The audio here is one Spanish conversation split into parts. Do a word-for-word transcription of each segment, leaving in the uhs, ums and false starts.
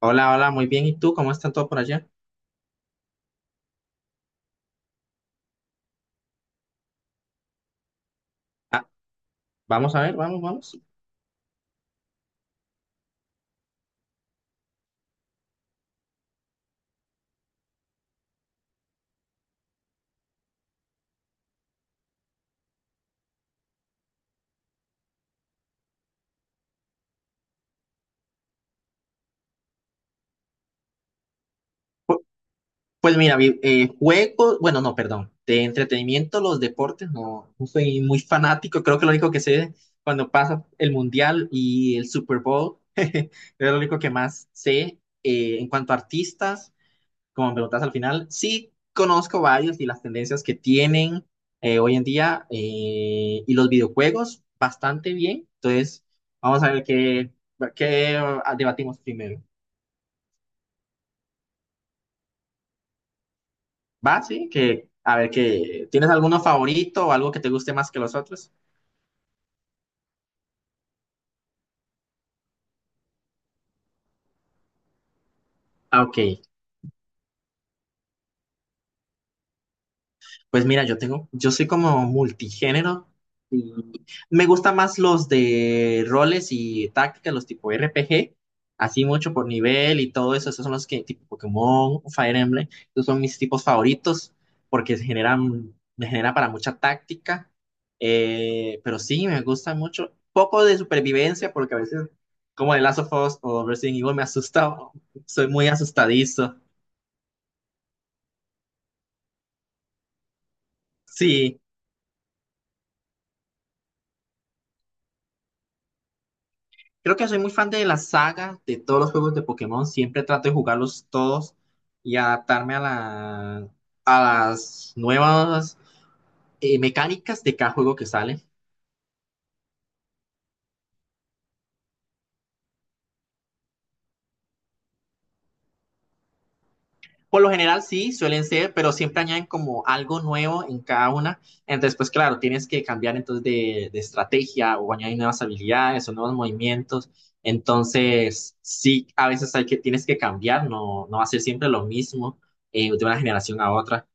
Hola, hola, muy bien. ¿Y tú? ¿Cómo están todos por allá? Ah, vamos a ver, vamos, vamos. Pues mira, vi- eh, juegos, bueno, no, perdón, de entretenimiento, los deportes, no, no soy muy fanático. Creo que lo único que sé cuando pasa el Mundial y el Super Bowl, es lo único que más sé. Eh, en cuanto a artistas, como me preguntas al final, sí conozco varios y las tendencias que tienen eh, hoy en día eh, y los videojuegos bastante bien. Entonces, vamos a ver qué, qué ah, debatimos primero. ¿Va? Sí, que a ver que tienes alguno favorito o algo que te guste más que los otros. Ah, ok. Pues mira, yo tengo, yo soy como multigénero y me gustan más los de roles y tácticas, los tipo R P G, así mucho por nivel y todo eso. Esos son los que, tipo Pokémon, Fire Emblem, esos son mis tipos favoritos porque se generan, me genera para mucha táctica. Eh, pero sí, me gusta mucho. Poco de supervivencia porque a veces, como de Last of Us o Resident Evil, me asusta, soy muy asustadizo. Sí. Creo que soy muy fan de la saga, de todos los juegos de Pokémon. Siempre trato de jugarlos todos y adaptarme a la- a las nuevas eh, mecánicas de cada juego que sale. Por lo general sí, suelen ser, pero siempre añaden como algo nuevo en cada una. Entonces, pues claro, tienes que cambiar entonces de, de estrategia o añadir nuevas habilidades o nuevos movimientos. Entonces, sí, a veces hay que, tienes que cambiar, no, no hacer siempre lo mismo eh, de una generación a otra.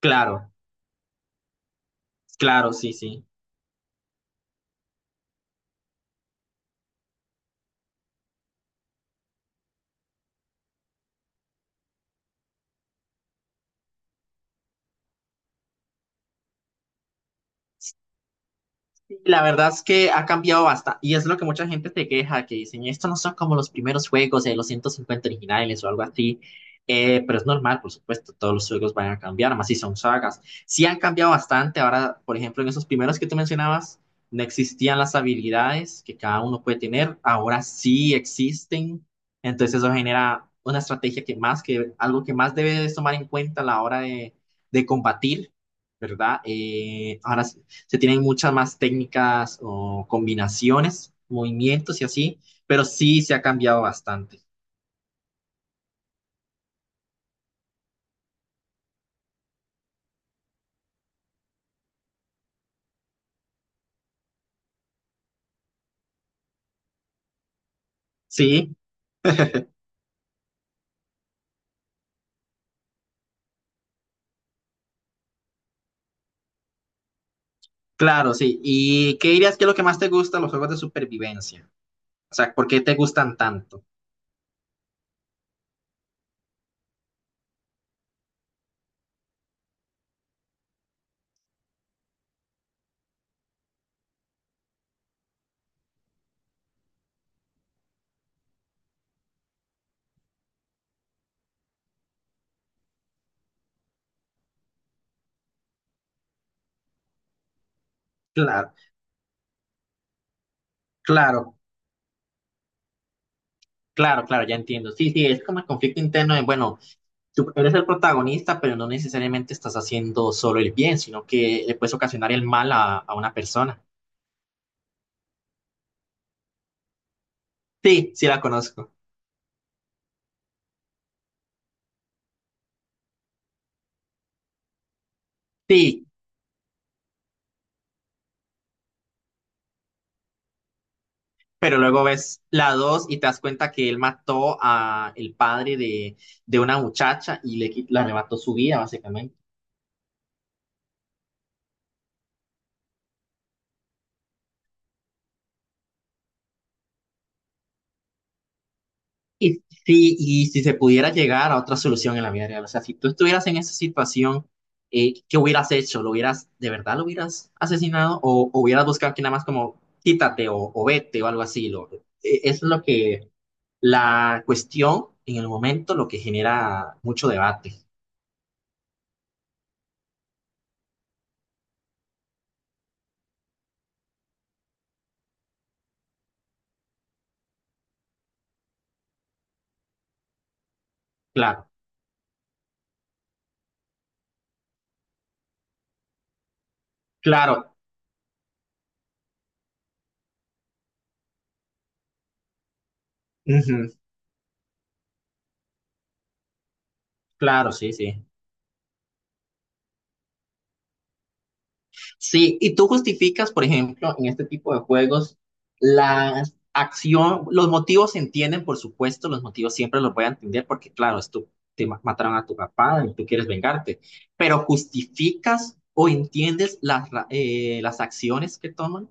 Claro, claro, sí, sí. Sí, la verdad es que ha cambiado bastante, y es lo que mucha gente te queja, que dicen, esto no son como los primeros juegos de los ciento cincuenta originales o algo así, eh, pero es normal, por supuesto, todos los juegos van a cambiar, más si son sagas. Sí han cambiado bastante, ahora, por ejemplo, en esos primeros que tú mencionabas, no existían las habilidades que cada uno puede tener, ahora sí existen, entonces eso genera una estrategia que más, que algo que más debes tomar en cuenta a la hora de, de combatir. ¿Verdad? Eh, ahora sí, se tienen muchas más técnicas o combinaciones, movimientos y así, pero sí se ha cambiado bastante. Sí, claro, sí. ¿Y qué dirías que es lo que más te gusta de los juegos de supervivencia? O sea, ¿por qué te gustan tanto? Claro, claro, claro, claro, ya entiendo. Sí, sí, es como el conflicto interno de, bueno, tú eres el protagonista, pero no necesariamente estás haciendo solo el bien, sino que le puedes ocasionar el mal a, a una persona. Sí, sí la conozco. Sí, pero luego ves la dos y te das cuenta que él mató a el padre de, de una muchacha y le, qui- le arrebató su vida, básicamente. Y si, y si se pudiera llegar a otra solución en la vida real, o sea, si tú estuvieras en esa situación, eh, ¿qué hubieras hecho? ¿Lo hubieras, de verdad lo hubieras asesinado o, o hubieras buscado que nada más como quítate o, o vete o algo así? Lo, e- es lo que la cuestión en el momento, lo que genera mucho debate. Claro, claro, ujú, claro, sí, sí. Sí, y tú justificas, por ejemplo, en este tipo de juegos, la acción, los motivos se entienden, por supuesto, los motivos siempre los voy a entender porque, claro, es tu- te ma- mataron a tu papá y tú quieres vengarte, pero justificas o entiendes las, ra- eh, las acciones que toman,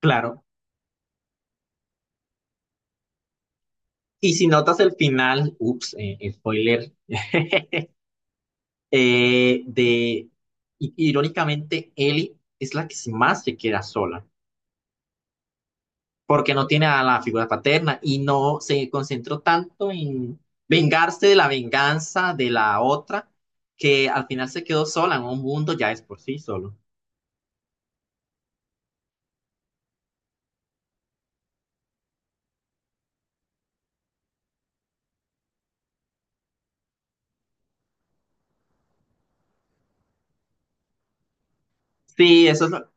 claro. Y si notas el final, ups, eh, spoiler, eh, de, i- irónicamente, Ellie es la que más se queda sola. Porque no tiene a la figura paterna y no se concentró tanto en vengarse de la venganza de la otra que al final se quedó sola en un mundo ya es por sí solo. Sí, eso es lo-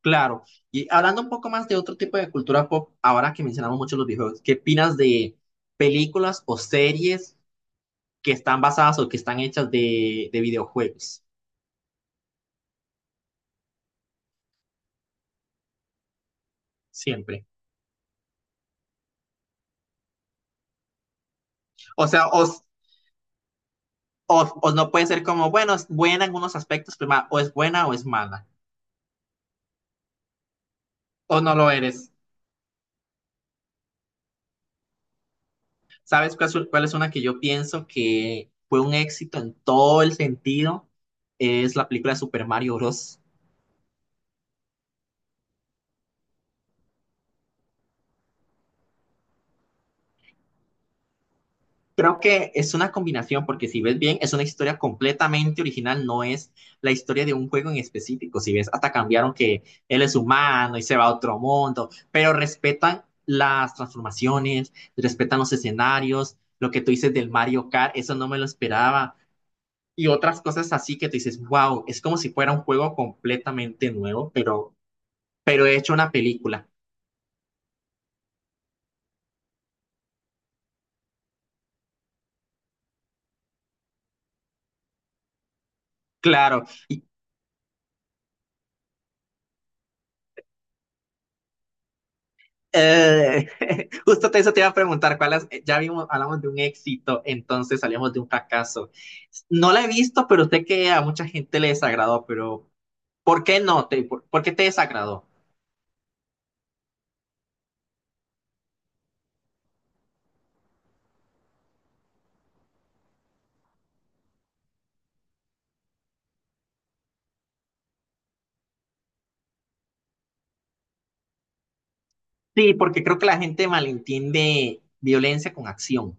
claro. Y hablando un poco más de otro tipo de cultura pop, ahora que mencionamos mucho los videojuegos, ¿qué opinas de películas o series que están basadas o que están hechas de, de videojuegos? Siempre. O sea, os, os- Os no puede ser como, bueno, es buena en unos aspectos, pero ma- o es buena o es mala, o no lo eres. ¿Sabes cuál es, cuál es una que yo pienso que fue un éxito en todo el sentido? Es la película de Super Mario Bros. Creo que es una combinación, porque si ves bien, es una historia completamente original, no es la historia de un juego en específico. Si ves, hasta cambiaron que él es humano y se va a otro mundo, pero respetan las transformaciones, respetan los escenarios, lo que tú dices del Mario Kart, eso no me lo esperaba. Y otras cosas así que tú dices, wow, es como si fuera un juego completamente nuevo, pero pero he hecho una película, claro. Y, eh, justo te- eso te iba a preguntar, ¿cuál es? Ya vimos, hablamos de un éxito, entonces salimos de un fracaso. No la he visto, pero sé que a mucha gente le desagradó, pero ¿por qué no? Te, por, ¿por qué te desagradó? Sí, porque creo que la gente malentiende violencia con acción.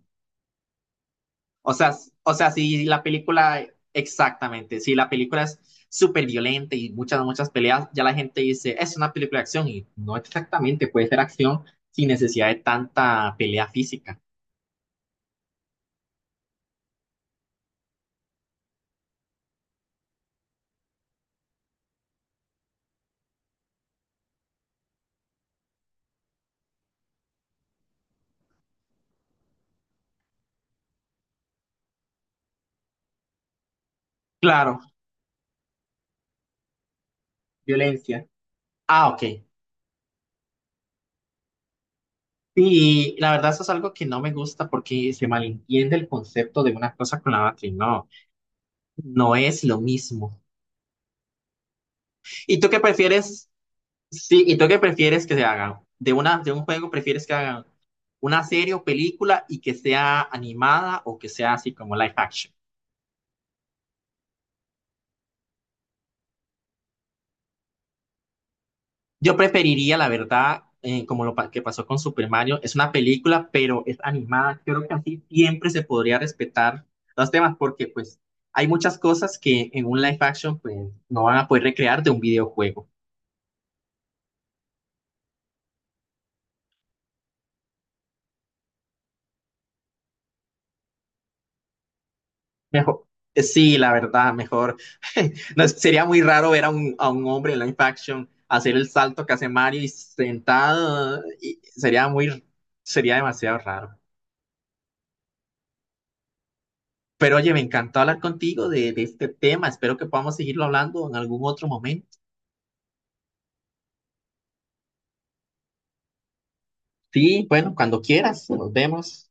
O sea, s- o sea, si la película, exactamente, si la película es súper violenta y muchas, muchas peleas, ya la gente dice, es una película de acción y no exactamente, puede ser acción sin necesidad de tanta pelea física. Claro, violencia. Ah, ok. Y la verdad eso es algo que no me gusta porque se malentiende el concepto de una cosa con la otra y no, no es lo mismo. ¿Y tú qué prefieres? Sí, ¿y tú qué prefieres que se hagan? De una, de un juego prefieres que hagan una serie o película y que sea animada o que sea así como live action. Yo preferiría, la verdad, eh, como lo pa- que pasó con Super Mario, es una película, pero es animada. Creo que así siempre se podría respetar los temas porque pues hay muchas cosas que en un live action pues no van a poder recrear de un videojuego. Mejor, eh, sí, la verdad, mejor. No, sería muy raro ver a un, a un hombre en live action hacer el salto que hace Mario y sentado. Y sería muy, sería demasiado raro. Pero oye, me encantó hablar contigo de, de este tema. Espero que podamos seguirlo hablando en algún otro momento. Sí, bueno, cuando quieras, nos vemos.